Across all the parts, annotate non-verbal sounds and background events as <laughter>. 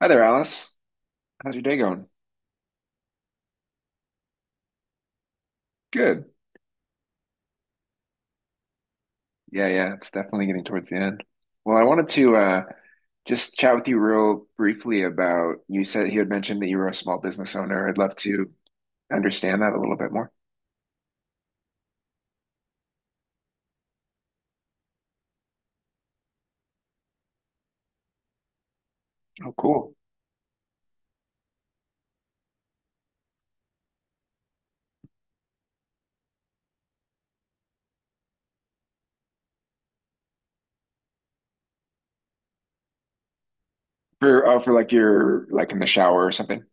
Hi there, Alice. How's your day going? Good. Yeah, yeah, it's definitely getting towards the end. Well, I wanted to just chat with you real briefly about you said you had mentioned that you were a small business owner. I'd love to understand that a little bit more. Oh, cool. For oh, for like your like in the shower or something.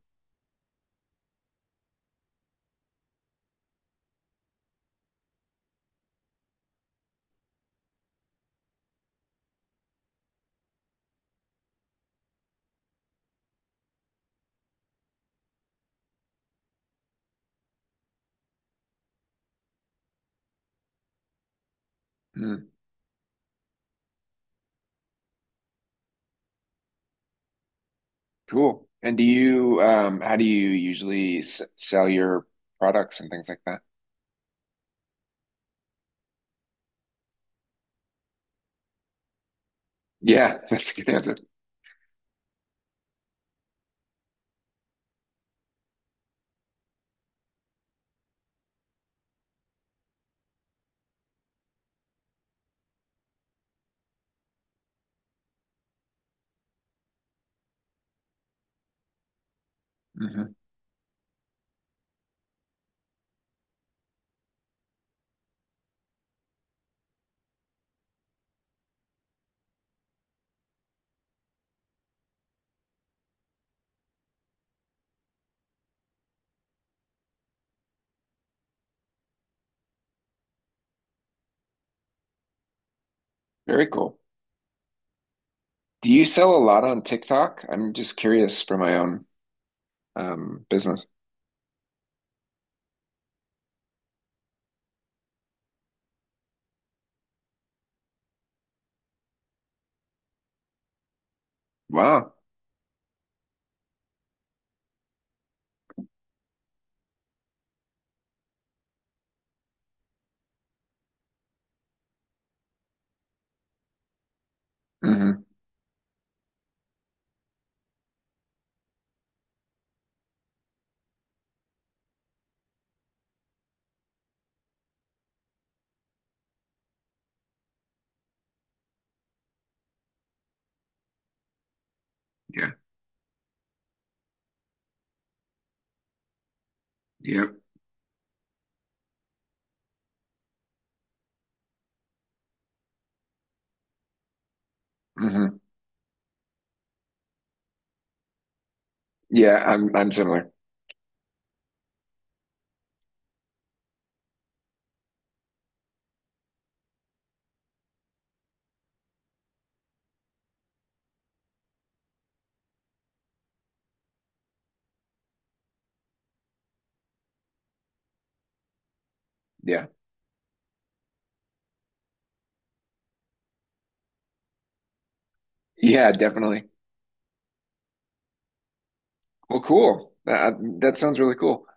Hmm. Cool. And do you how do you usually s sell your products and things like that? Yeah, <laughs> that's a good answer. Hmm. Very cool. Do you sell a lot on TikTok? I'm just curious for my own business. Wow. Hmm. Yeah. Yep. Hmm. Yeah, I'm similar. Yeah. Yeah, definitely. Well, cool. That sounds really cool.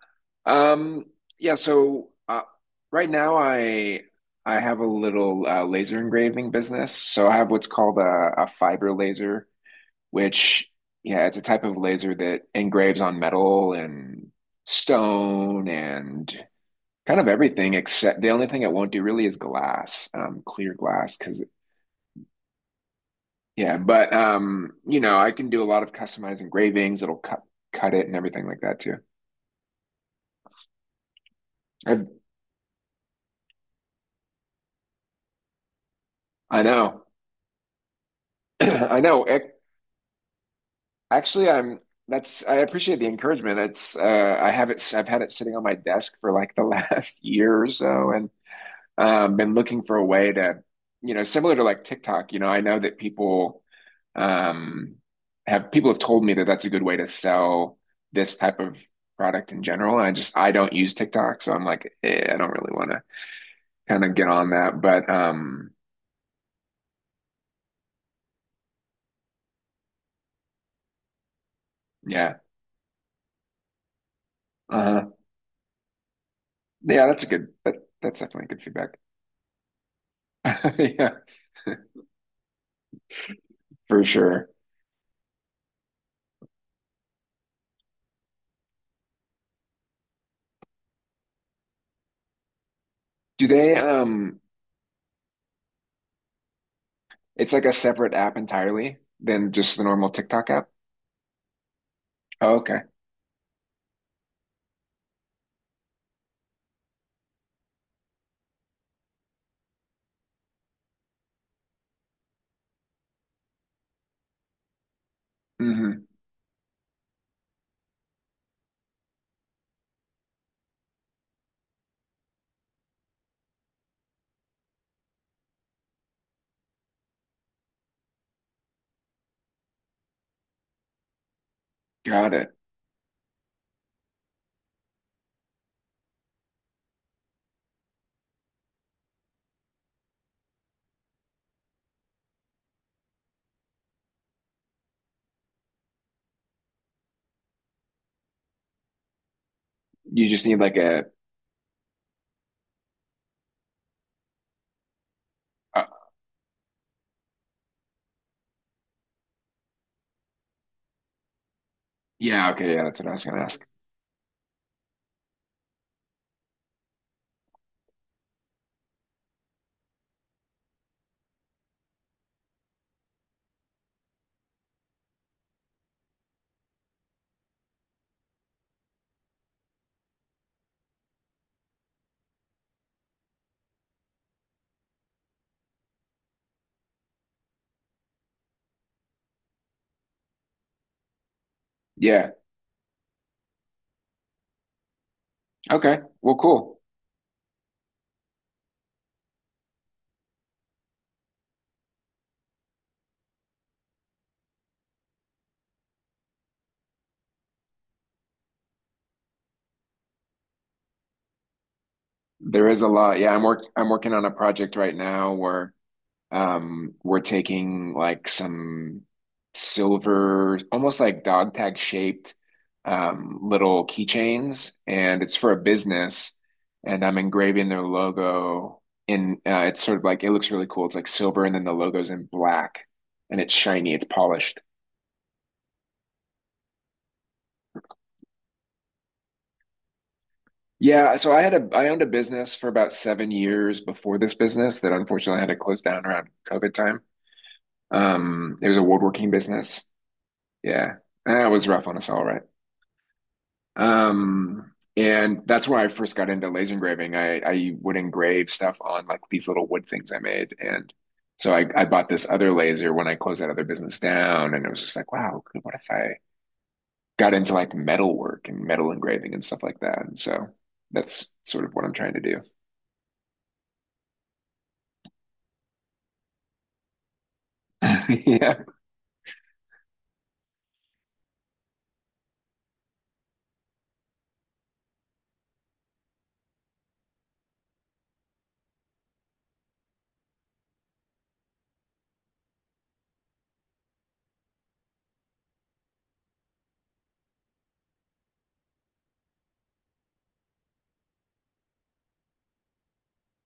Um, yeah, so right now I have a little laser engraving business. So I have what's called a fiber laser, which yeah, it's a type of laser that engraves on metal and stone and kind of everything except the only thing it won't do really is glass, clear glass. Because yeah, but you know, I can do a lot of customized engravings. It'll cut it and everything like that too. I I know, <clears throat> I know. Actually, I'm. That's I appreciate the encouragement. It's I have it. I've had it sitting on my desk for like the last <laughs> year or so, and been looking for a way to, you know, similar to like TikTok. You know, I know that people um, have people have told me that that's a good way to sell this type of product in general. And I just I don't use TikTok, so I'm like, eh, I don't really want to kind of get on that. But yeah, uh-huh. Yeah, that's a good, that's definitely good feedback. <laughs> Yeah, for sure. Do they um? It's like a separate app entirely than just the normal TikTok app. Oh, okay. Mm-hmm. Got it. You just need like a, uh, yeah, okay, yeah, that's what I was gonna ask. Yeah. Okay. Well, cool. There is a lot. Yeah, I'm working on a project right now where we're taking like some silver, almost like dog tag shaped little keychains, and it's for a business, and I'm engraving their logo in it's sort of like it looks really cool. It's like silver and then the logo's in black and it's shiny, it's polished. Yeah, so I had a I owned a business for about 7 years before this business that unfortunately had to close down around COVID time. It was a woodworking business. Yeah. That was rough on us all, right? And that's where I first got into laser engraving. I would engrave stuff on like these little wood things I made. And so I bought this other laser when I closed that other business down. And it was just like, wow, cool. What if I got into like metal work and metal engraving and stuff like that? And so that's sort of what I'm trying to do. <laughs> Yeah.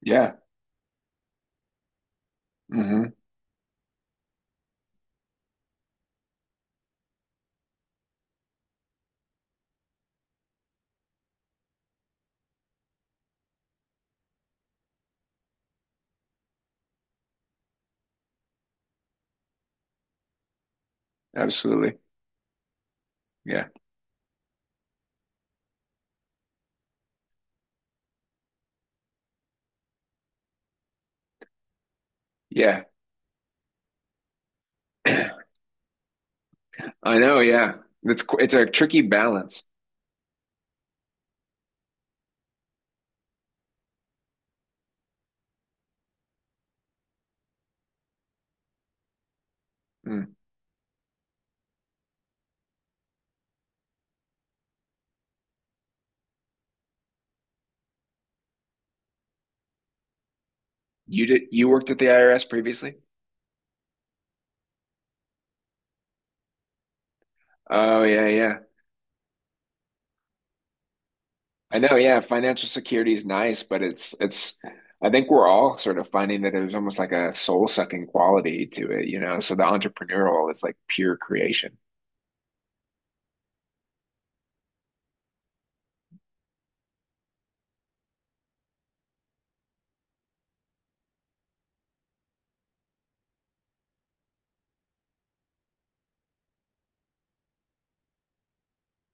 Yeah. Hmm. Absolutely. Yeah. Yeah. <clears throat> I know. Yeah. It's a tricky balance. Mm. You did you worked at the IRS previously? Oh yeah, yeah. I know, yeah. Financial security is nice, but it's I think we're all sort of finding that there's almost like a soul-sucking quality to it, you know. So the entrepreneurial is like pure creation.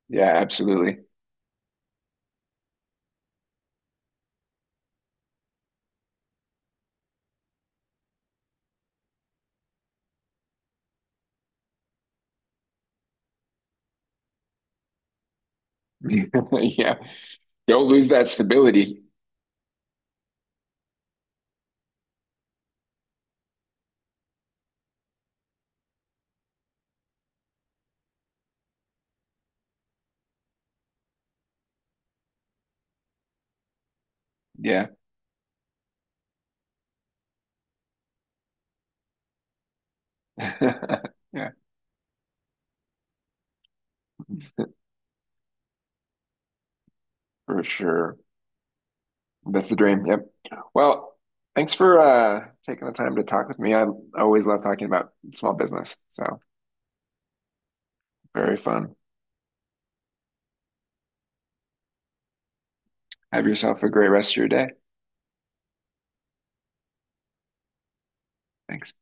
Yeah, absolutely. <laughs> Yeah. Don't lose that stability. Yeah. <laughs> Yeah, for sure. That's the dream. Yep. Well, thanks for taking the time to talk with me. I always love talking about small business. So very fun. Have yourself a great rest of your day. Thanks.